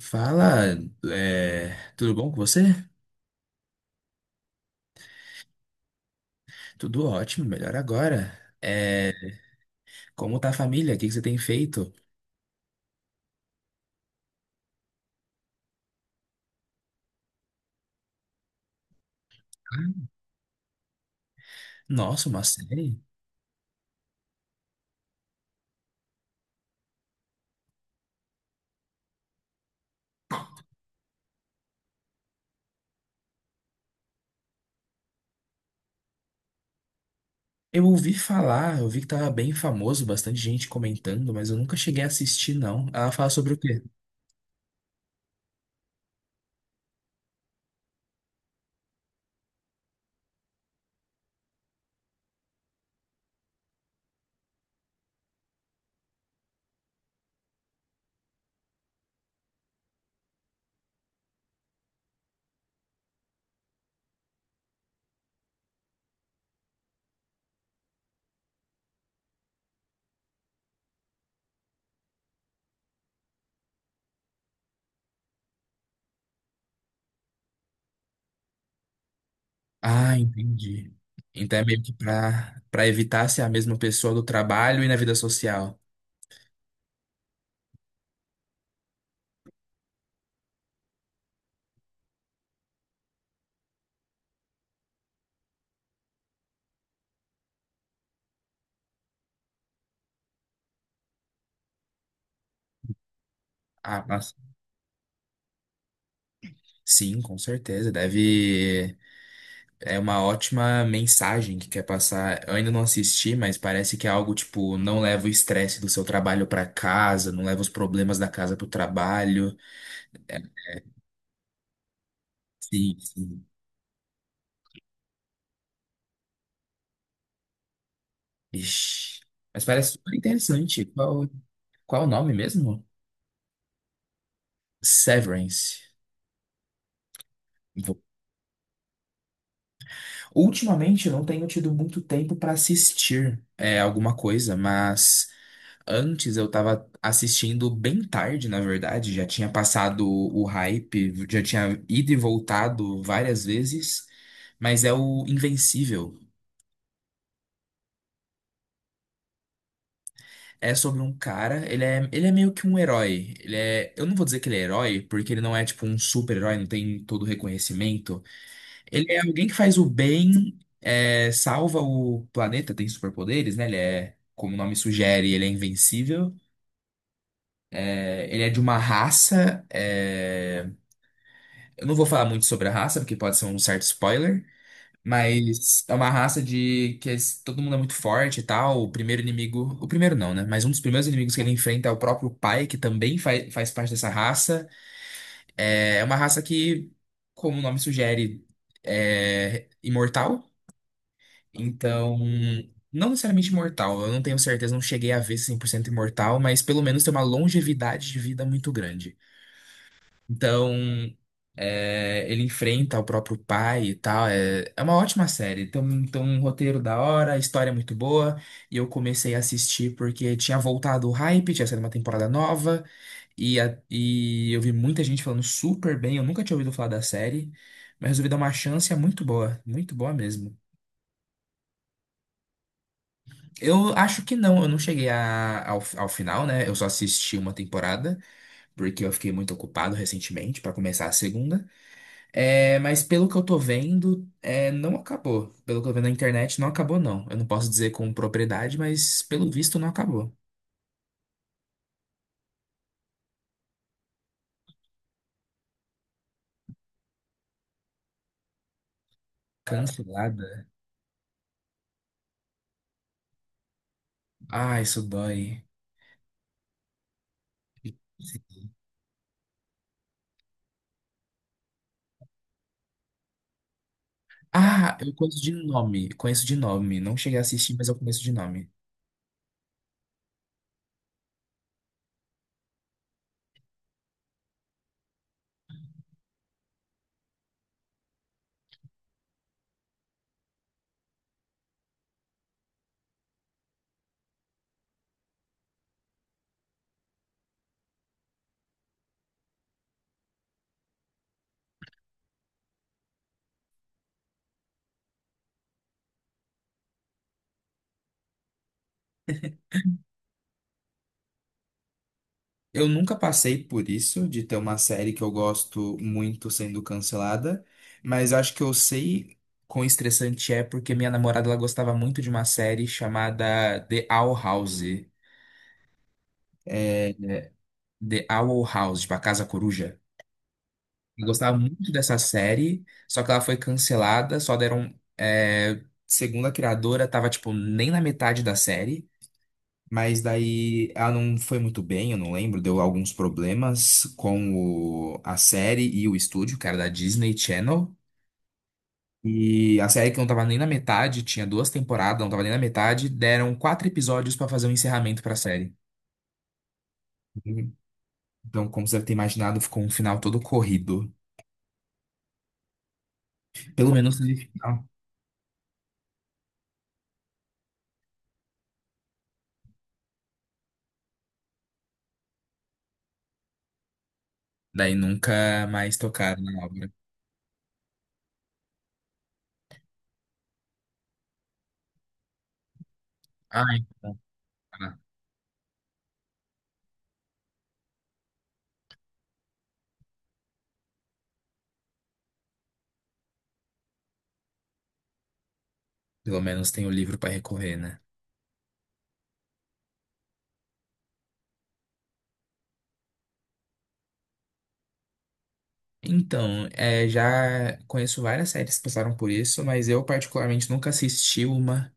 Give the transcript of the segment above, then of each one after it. Fala, tudo bom com você? Tudo ótimo, melhor agora. Como tá a família? O que que você tem feito? Nossa, uma série? Eu ouvi falar, eu vi que tava bem famoso, bastante gente comentando, mas eu nunca cheguei a assistir, não. Ela fala sobre o quê? Ah, entendi. Então é meio que pra evitar ser a mesma pessoa do trabalho e na vida social. Ah, mas sim, com certeza. Deve. É uma ótima mensagem que quer passar. Eu ainda não assisti, mas parece que é algo tipo, não leva o estresse do seu trabalho para casa, não leva os problemas da casa pro trabalho. É, sim, sim. Ixi. Mas parece super interessante. Qual o nome mesmo? Severance. Vou- Ultimamente eu não tenho tido muito tempo para assistir alguma coisa, mas antes eu tava assistindo bem tarde, na verdade, já tinha passado o hype, já tinha ido e voltado várias vezes, mas é o Invencível. É sobre um cara, ele é meio que um herói. Ele é, eu não vou dizer que ele é herói, porque ele não é tipo um super-herói, não tem todo o reconhecimento. Ele é alguém que faz o bem, é, salva o planeta, tem superpoderes, né? Ele é, como o nome sugere, ele é invencível. É, ele é de uma raça. Eu não vou falar muito sobre a raça, porque pode ser um certo spoiler. Mas é uma raça de que todo mundo é muito forte e tal. O primeiro inimigo. O primeiro não, né? Mas um dos primeiros inimigos que ele enfrenta é o próprio pai, que também faz parte dessa raça. É uma raça que, como o nome sugere, é imortal. Então, não necessariamente imortal, eu não tenho certeza, não cheguei a ver 100% imortal, mas pelo menos tem uma longevidade de vida muito grande. Então, é, ele enfrenta o próprio pai e tal, é, é uma ótima série. Tem um roteiro da hora, a história é muito boa, e eu comecei a assistir porque tinha voltado o hype, tinha saído uma temporada nova, e eu vi muita gente falando super bem, eu nunca tinha ouvido falar da série, mas resolvi dar uma chance, é muito boa mesmo. Eu acho que não, eu não ao, ao final, né? Eu só assisti uma temporada, porque eu fiquei muito ocupado recentemente pra começar a segunda. É, mas pelo que eu tô vendo, é, não acabou. Pelo que eu vi na internet, não acabou, não. Eu não posso dizer com propriedade, mas pelo visto não acabou. Cancelada? Ah, isso dói. Ah, eu conheço de nome, conheço de nome. Não cheguei a assistir, mas eu conheço de nome. Eu nunca passei por isso, de ter uma série que eu gosto muito sendo cancelada, mas acho que eu sei quão estressante é porque minha namorada ela gostava muito de uma série chamada The Owl House. É, é, The Owl House, tipo a Casa Coruja. Eu gostava muito dessa série, só que ela foi cancelada, só deram. É, segundo a criadora, tava tipo nem na metade da série. Mas daí ela não foi muito bem, eu não lembro, deu alguns problemas com a série e o estúdio, que era da Disney Channel. E a série que não tava nem na metade, tinha duas temporadas, não tava nem na metade, deram quatro episódios pra fazer um encerramento pra série. Então, como você deve ter imaginado, ficou um final todo corrido. Pelo menos teve final. Daí nunca mais tocaram na obra. Ah, então, tá. Pelo menos tem o livro pra recorrer, né? Então, é, já conheço várias séries que passaram por isso, mas eu particularmente nunca assisti uma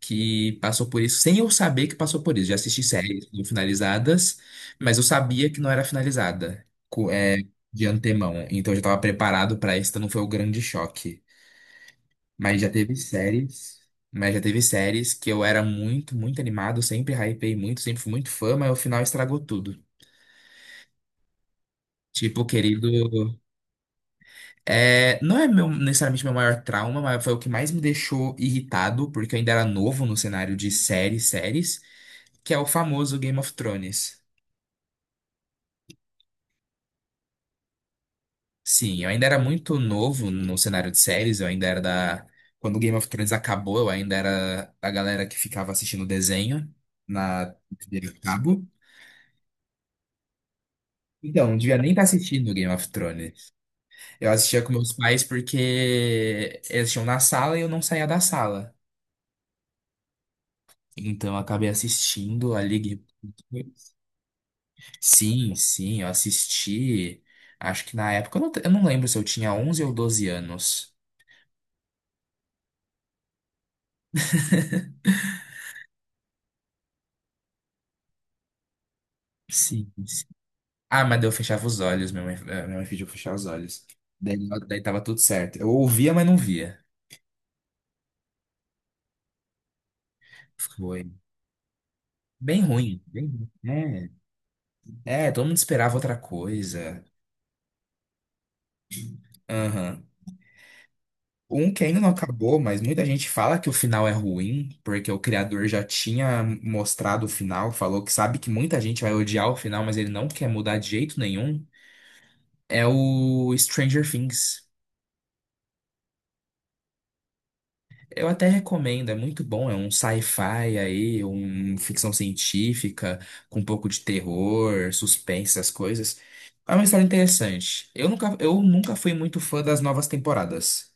que passou por isso, sem eu saber que passou por isso. Já assisti séries não finalizadas, mas eu sabia que não era finalizada, de antemão. Então eu já estava preparado para isso, então não foi o grande choque. Mas já teve séries, mas já teve séries que eu era muito animado, sempre hypei muito, sempre fui muito fã, mas o final estragou tudo. Tipo, o querido. É, não é meu, necessariamente meu maior trauma, mas foi o que mais me deixou irritado, porque eu ainda era novo no cenário de séries, que é o famoso Game of Thrones. Sim, eu ainda era muito novo no cenário de séries, eu ainda era da. Quando o Game of Thrones acabou, eu ainda era a galera que ficava assistindo desenho na TV a cabo. Então, não devia nem estar assistindo Game of Thrones. Eu assistia com meus pais porque eles tinham na sala e eu não saía da sala. Então, eu acabei assistindo a Liga. Sim, sim, eu assisti. Acho que na época, eu não lembro se eu tinha 11 ou 12 anos. Sim, sim. Ah, mas daí eu fechava os olhos, minha mãe, minha mãe pediu pra eu fechar os olhos. Daí, daí tava tudo certo. Eu ouvia, mas não via. Foi bem ruim. Bem, ruim. É, é, todo mundo esperava outra coisa. Aham. Um que ainda não acabou, mas muita gente fala que o final é ruim, porque o criador já tinha mostrado o final, falou que sabe que muita gente vai odiar o final, mas ele não quer mudar de jeito nenhum. É o Stranger Things. Eu até recomendo, é muito bom. É um sci-fi aí, um ficção científica, com um pouco de terror, suspense, essas coisas. É uma história interessante. Eu nunca fui muito fã das novas temporadas.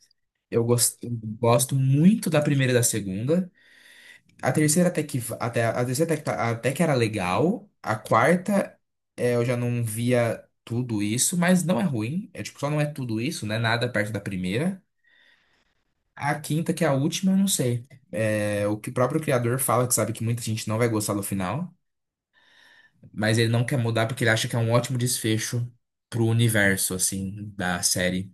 Eu gosto, gosto muito da primeira e da segunda. A terceira até que era legal. A quarta, é, eu já não via tudo isso, mas não é ruim. É tipo, só não é tudo isso, né? Nada perto da primeira. A quinta, que é a última, eu não sei. É o que o próprio criador fala, que sabe que muita gente não vai gostar do final, mas ele não quer mudar porque ele acha que é um ótimo desfecho pro universo, assim, da série.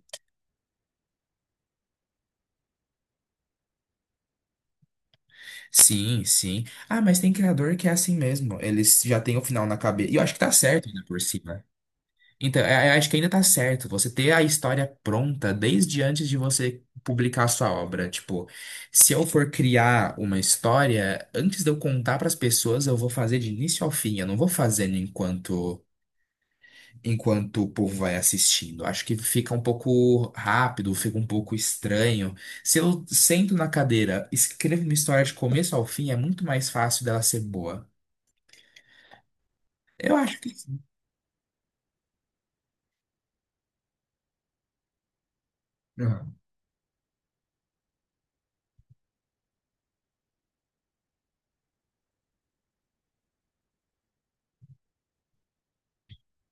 Sim, sim. Ah, mas tem criador que é assim mesmo. Eles já têm o final na cabeça. E eu acho que tá certo ainda por cima. Então, eu acho que ainda tá certo você ter a história pronta desde antes de você publicar a sua obra. Tipo, se eu for criar uma história, antes de eu contar para as pessoas, eu vou fazer de início ao fim. Eu não vou fazendo enquanto o povo vai assistindo. Acho que fica um pouco rápido, fica um pouco estranho. Se eu sento na cadeira, escrevo uma história de começo ao fim, é muito mais fácil dela ser boa. Eu acho que. Uhum.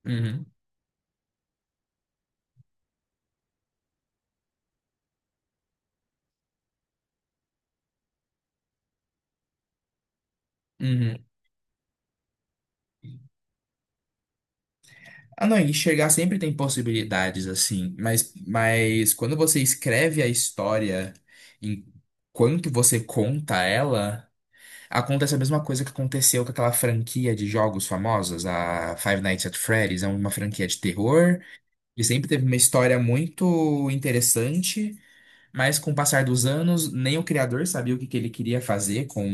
Uhum, uhum. Ah, não, enxergar sempre tem possibilidades, assim, mas quando você escreve a história, enquanto você conta ela, acontece a mesma coisa que aconteceu com aquela franquia de jogos famosos, a Five Nights at Freddy's, é uma franquia de terror, e sempre teve uma história muito interessante, mas com o passar dos anos, nem o criador sabia o que que ele queria fazer com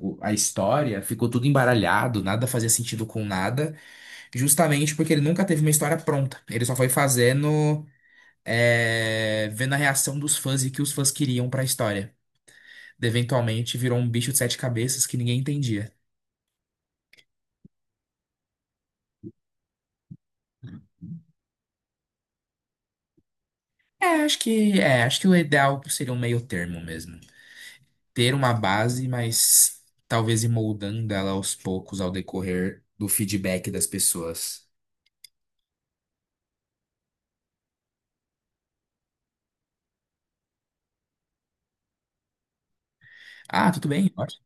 a história, ficou tudo embaralhado, nada fazia sentido com nada. Justamente porque ele nunca teve uma história pronta. Ele só foi fazendo, é, vendo a reação dos fãs e o que os fãs queriam pra história. Eventualmente virou um bicho de sete cabeças que ninguém entendia. É, acho que o ideal seria um meio termo mesmo. Ter uma base, mas talvez ir moldando ela aos poucos ao decorrer do feedback das pessoas. Ah, tudo bem,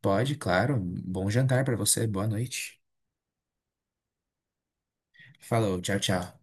pode, claro. Bom jantar pra você, boa noite. Falou, tchau, tchau.